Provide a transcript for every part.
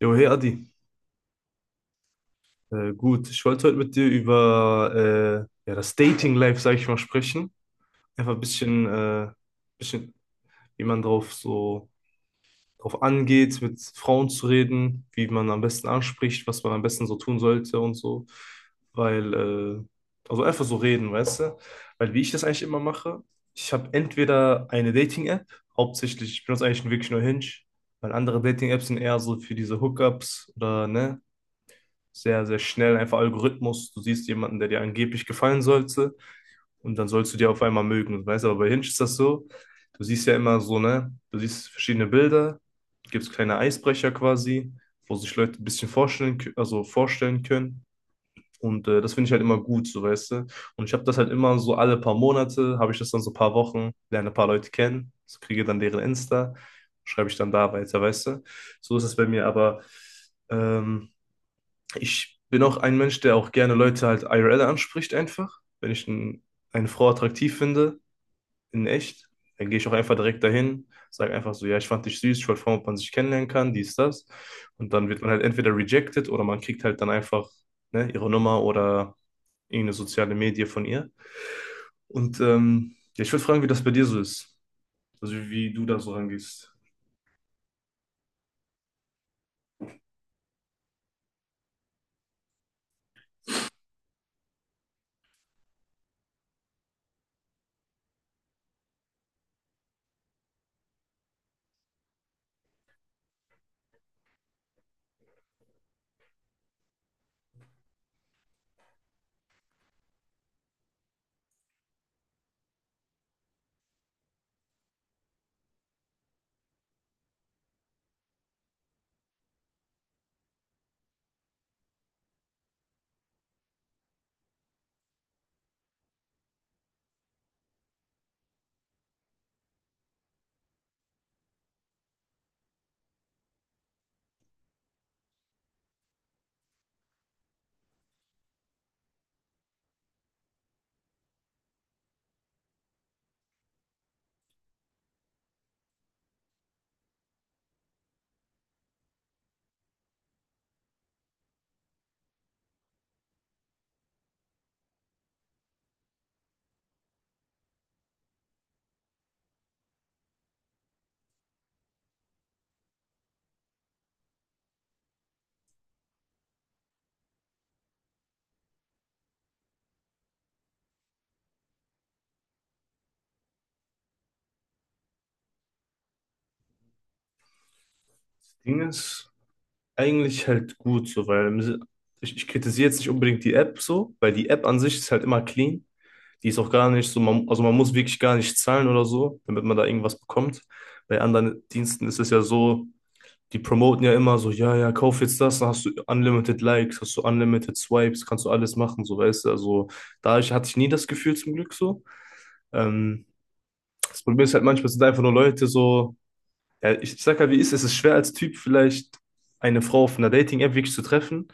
Jo, hey Adi, gut. Ich wollte heute mit dir über ja, das Dating-Life, sag ich mal, sprechen. Einfach ein bisschen, bisschen, wie man drauf angeht, mit Frauen zu reden, wie man am besten anspricht, was man am besten so tun sollte und so. Weil, also einfach so reden, weißt du? Weil wie ich das eigentlich immer mache, ich habe entweder eine Dating-App, hauptsächlich, ich benutze eigentlich wirklich nur Hinge, weil andere Dating-Apps sind eher so für diese Hookups oder, ne? Sehr, sehr schnell, einfach Algorithmus. Du siehst jemanden, der dir angeblich gefallen sollte und dann sollst du dir auf einmal mögen. Weißt du, aber bei Hinge ist das so, du siehst ja immer so, ne, du siehst verschiedene Bilder, gibt es kleine Eisbrecher quasi, wo sich Leute ein bisschen vorstellen, also vorstellen können. Und das finde ich halt immer gut, so weißt du. Und ich habe das halt immer so alle paar Monate, habe ich das dann so ein paar Wochen, lerne ein paar Leute kennen, so kriege dann deren Insta, schreibe ich dann da weiter, weißt du. So ist es bei mir, aber ähm, ich bin auch ein Mensch, der auch gerne Leute halt IRL anspricht einfach. Wenn ich n- Eine Frau attraktiv finde, in echt, dann gehe ich auch einfach direkt dahin, sage einfach so, ja, ich fand dich süß, ich wollte fragen, ob man sich kennenlernen kann, dies, das. Und dann wird man halt entweder rejected oder man kriegt halt dann einfach, ne, ihre Nummer oder irgendeine soziale Medie von ihr. Und ja, ich würde fragen, wie das bei dir so ist. Also wie du da so rangehst. Das Ding ist, eigentlich halt gut so, weil ich kritisiere jetzt nicht unbedingt die App so, weil die App an sich ist halt immer clean. Die ist auch gar nicht so, man, also man muss wirklich gar nicht zahlen oder so, damit man da irgendwas bekommt. Bei anderen Diensten ist es ja so, die promoten ja immer so, ja, ja, kauf jetzt das, dann hast du unlimited Likes, hast du unlimited Swipes, kannst du alles machen, so weißt du. Also hatte ich nie das Gefühl zum Glück so. Ähm, das Problem ist halt manchmal sind einfach nur Leute so. Ja, ich sag halt, wie ist es? Es ist schwer als Typ vielleicht eine Frau auf einer Dating-App wirklich zu treffen,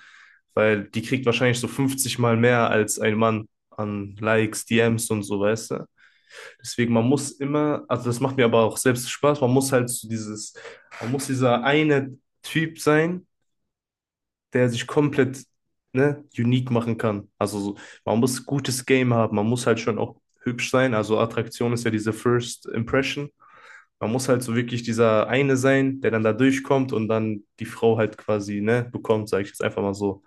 weil die kriegt wahrscheinlich so 50 Mal mehr als ein Mann an Likes, DMs und so, weißt du? Deswegen, man muss immer, also das macht mir aber auch selbst Spaß, man muss halt so dieses, man muss dieser eine Typ sein, der sich komplett, ne, unique machen kann. Also so, man muss gutes Game haben, man muss halt schon auch hübsch sein. Also Attraktion ist ja diese First Impression. Man muss halt so wirklich dieser eine sein, der dann da durchkommt und dann die Frau halt quasi, ne, bekommt, sage ich jetzt einfach mal so.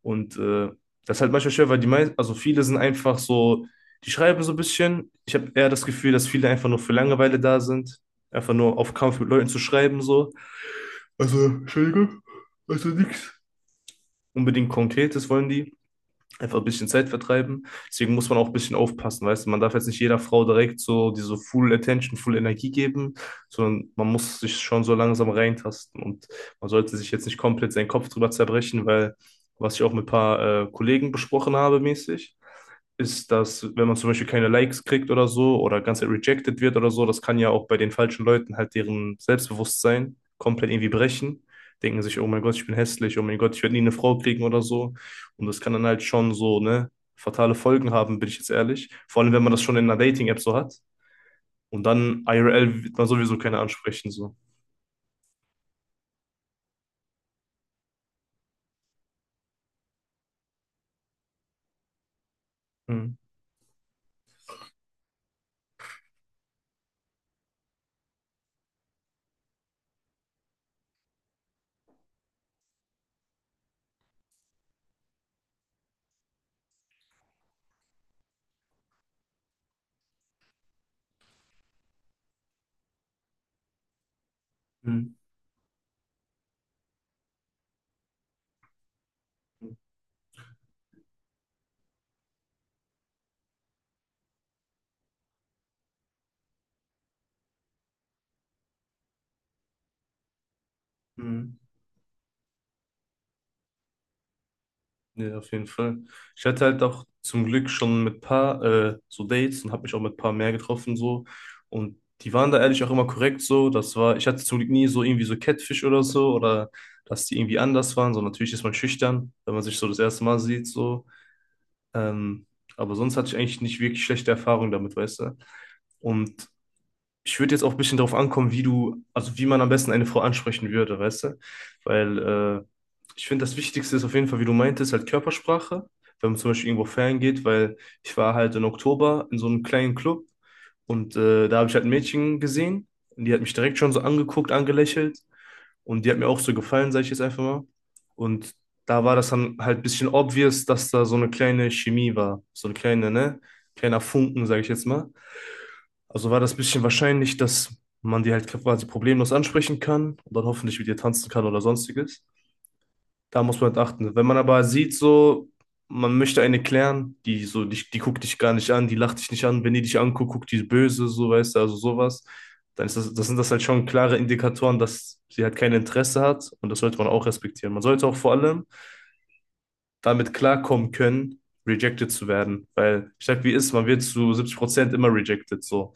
Und das ist halt manchmal schwer, weil die meisten, also viele sind einfach so, die schreiben so ein bisschen. Ich habe eher das Gefühl, dass viele einfach nur für Langeweile da sind. Einfach nur auf Kampf mit Leuten zu schreiben, so. Also, Entschuldigung, also nix unbedingt Konkretes wollen die. Einfach ein bisschen Zeit vertreiben. Deswegen muss man auch ein bisschen aufpassen, weißt du. Man darf jetzt nicht jeder Frau direkt so diese Full Attention, Full Energie geben, sondern man muss sich schon so langsam reintasten. Und man sollte sich jetzt nicht komplett seinen Kopf drüber zerbrechen, weil, was ich auch mit ein paar Kollegen besprochen habe, mäßig, ist, dass wenn man zum Beispiel keine Likes kriegt oder so oder ganz rejected wird oder so, das kann ja auch bei den falschen Leuten halt deren Selbstbewusstsein komplett irgendwie brechen. Denken sich, oh mein Gott, ich bin hässlich, oh mein Gott, ich werde nie eine Frau kriegen oder so. Und das kann dann halt schon so, ne, fatale Folgen haben, bin ich jetzt ehrlich. Vor allem, wenn man das schon in einer Dating-App so hat. Und dann IRL wird man sowieso keine ansprechen, so. Hm. Hm. Hm. Ja, auf jeden Fall. Ich hatte halt auch zum Glück schon mit paar so Dates und habe mich auch mit paar mehr getroffen so. Und die waren da ehrlich auch immer korrekt so. Das war, ich hatte zum Glück nie so irgendwie so Catfish oder so oder dass die irgendwie anders waren. So natürlich ist man schüchtern, wenn man sich so das erste Mal sieht so. Ähm, aber sonst hatte ich eigentlich nicht wirklich schlechte Erfahrungen damit, weißt du. Und ich würde jetzt auch ein bisschen darauf ankommen, wie du, also wie man am besten eine Frau ansprechen würde, weißt du? Weil ich finde, das Wichtigste ist auf jeden Fall, wie du meintest, halt Körpersprache, wenn man zum Beispiel irgendwo feiern geht, weil ich war halt im Oktober in so einem kleinen Club und da habe ich halt ein Mädchen gesehen und die hat mich direkt schon so angeguckt, angelächelt und die hat mir auch so gefallen, sage ich jetzt einfach mal. Und da war das dann halt ein bisschen obvious, dass da so eine kleine Chemie war, so eine kleine, ne? Kleiner Funken, sage ich jetzt mal. Also war das ein bisschen wahrscheinlich, dass man die halt quasi problemlos ansprechen kann und dann hoffentlich mit ihr tanzen kann oder sonstiges. Da muss man halt achten. Wenn man aber sieht, so, man möchte eine klären, die so, die guckt dich gar nicht an, die lacht dich nicht an, wenn die dich anguckt, guckt die böse, so weißt du, also sowas, dann ist das sind das halt schon klare Indikatoren, dass sie halt kein Interesse hat und das sollte man auch respektieren. Man sollte auch vor allem damit klarkommen können, rejected zu werden. Weil ich sag, wie ist, man wird zu 70% immer rejected so.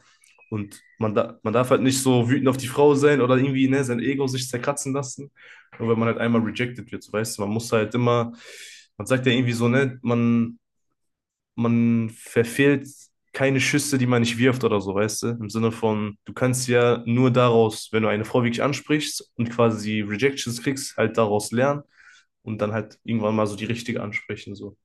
Und man darf halt nicht so wütend auf die Frau sein oder irgendwie ne, sein Ego sich zerkratzen lassen. Nur wenn man halt einmal rejected wird, so, weißt du, man muss halt immer, man sagt ja irgendwie so, ne, man verfehlt keine Schüsse, die man nicht wirft oder so, weißt du? Im Sinne von, du kannst ja nur daraus, wenn du eine Frau wirklich ansprichst und quasi Rejections kriegst, halt daraus lernen und dann halt irgendwann mal so die richtige ansprechen, so.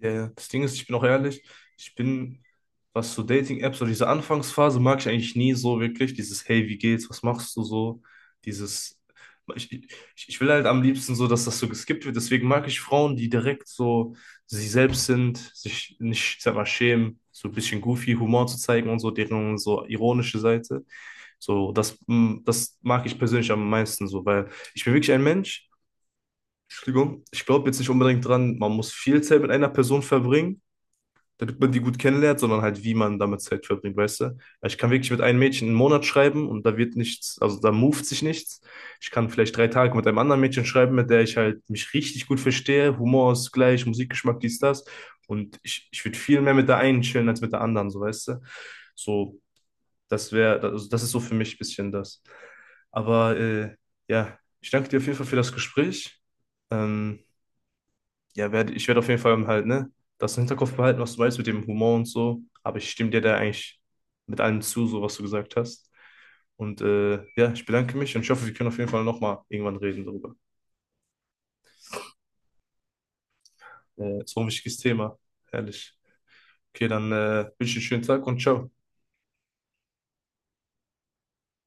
Ja, ja. Das Ding ist, ich bin auch ehrlich, ich bin, was so Dating-Apps oder diese Anfangsphase mag ich eigentlich nie so wirklich. Dieses hey, wie geht's, was machst du so? Dieses, ich, ich, ich will halt am liebsten so, dass das so geskippt wird. Deswegen mag ich Frauen, die direkt so sie selbst sind, sich nicht, ich sag mal, schämen, so ein bisschen goofy Humor zu zeigen und so, deren so ironische Seite. So, das mag ich persönlich am meisten so, weil ich bin wirklich ein Mensch. Entschuldigung, ich glaube jetzt nicht unbedingt dran, man muss viel Zeit mit einer Person verbringen damit man die gut kennenlernt, sondern halt, wie man damit Zeit verbringt, weißt du? Weil ich kann wirklich mit einem Mädchen einen Monat schreiben und da wird nichts, also da moved sich nichts. Ich kann vielleicht 3 Tage mit einem anderen Mädchen schreiben, mit der ich halt mich richtig gut verstehe, Humor ist gleich, Musikgeschmack, dies, das. Und ich würde viel mehr mit der einen chillen als mit der anderen, so weißt du? So, das wäre, also das ist so für mich ein bisschen das. Aber ja, ich danke dir auf jeden Fall für das Gespräch. Ähm, ja, ich werde auf jeden Fall halt, ne, das im Hinterkopf behalten, was du meinst mit dem Humor und so. Aber ich stimme dir da eigentlich mit allem zu, so was du gesagt hast. Und ja, ich bedanke mich und ich hoffe, wir können auf jeden Fall nochmal irgendwann reden darüber. So ein wichtiges Thema. Herrlich. Okay, dann wünsche ich einen schönen Tag und ciao.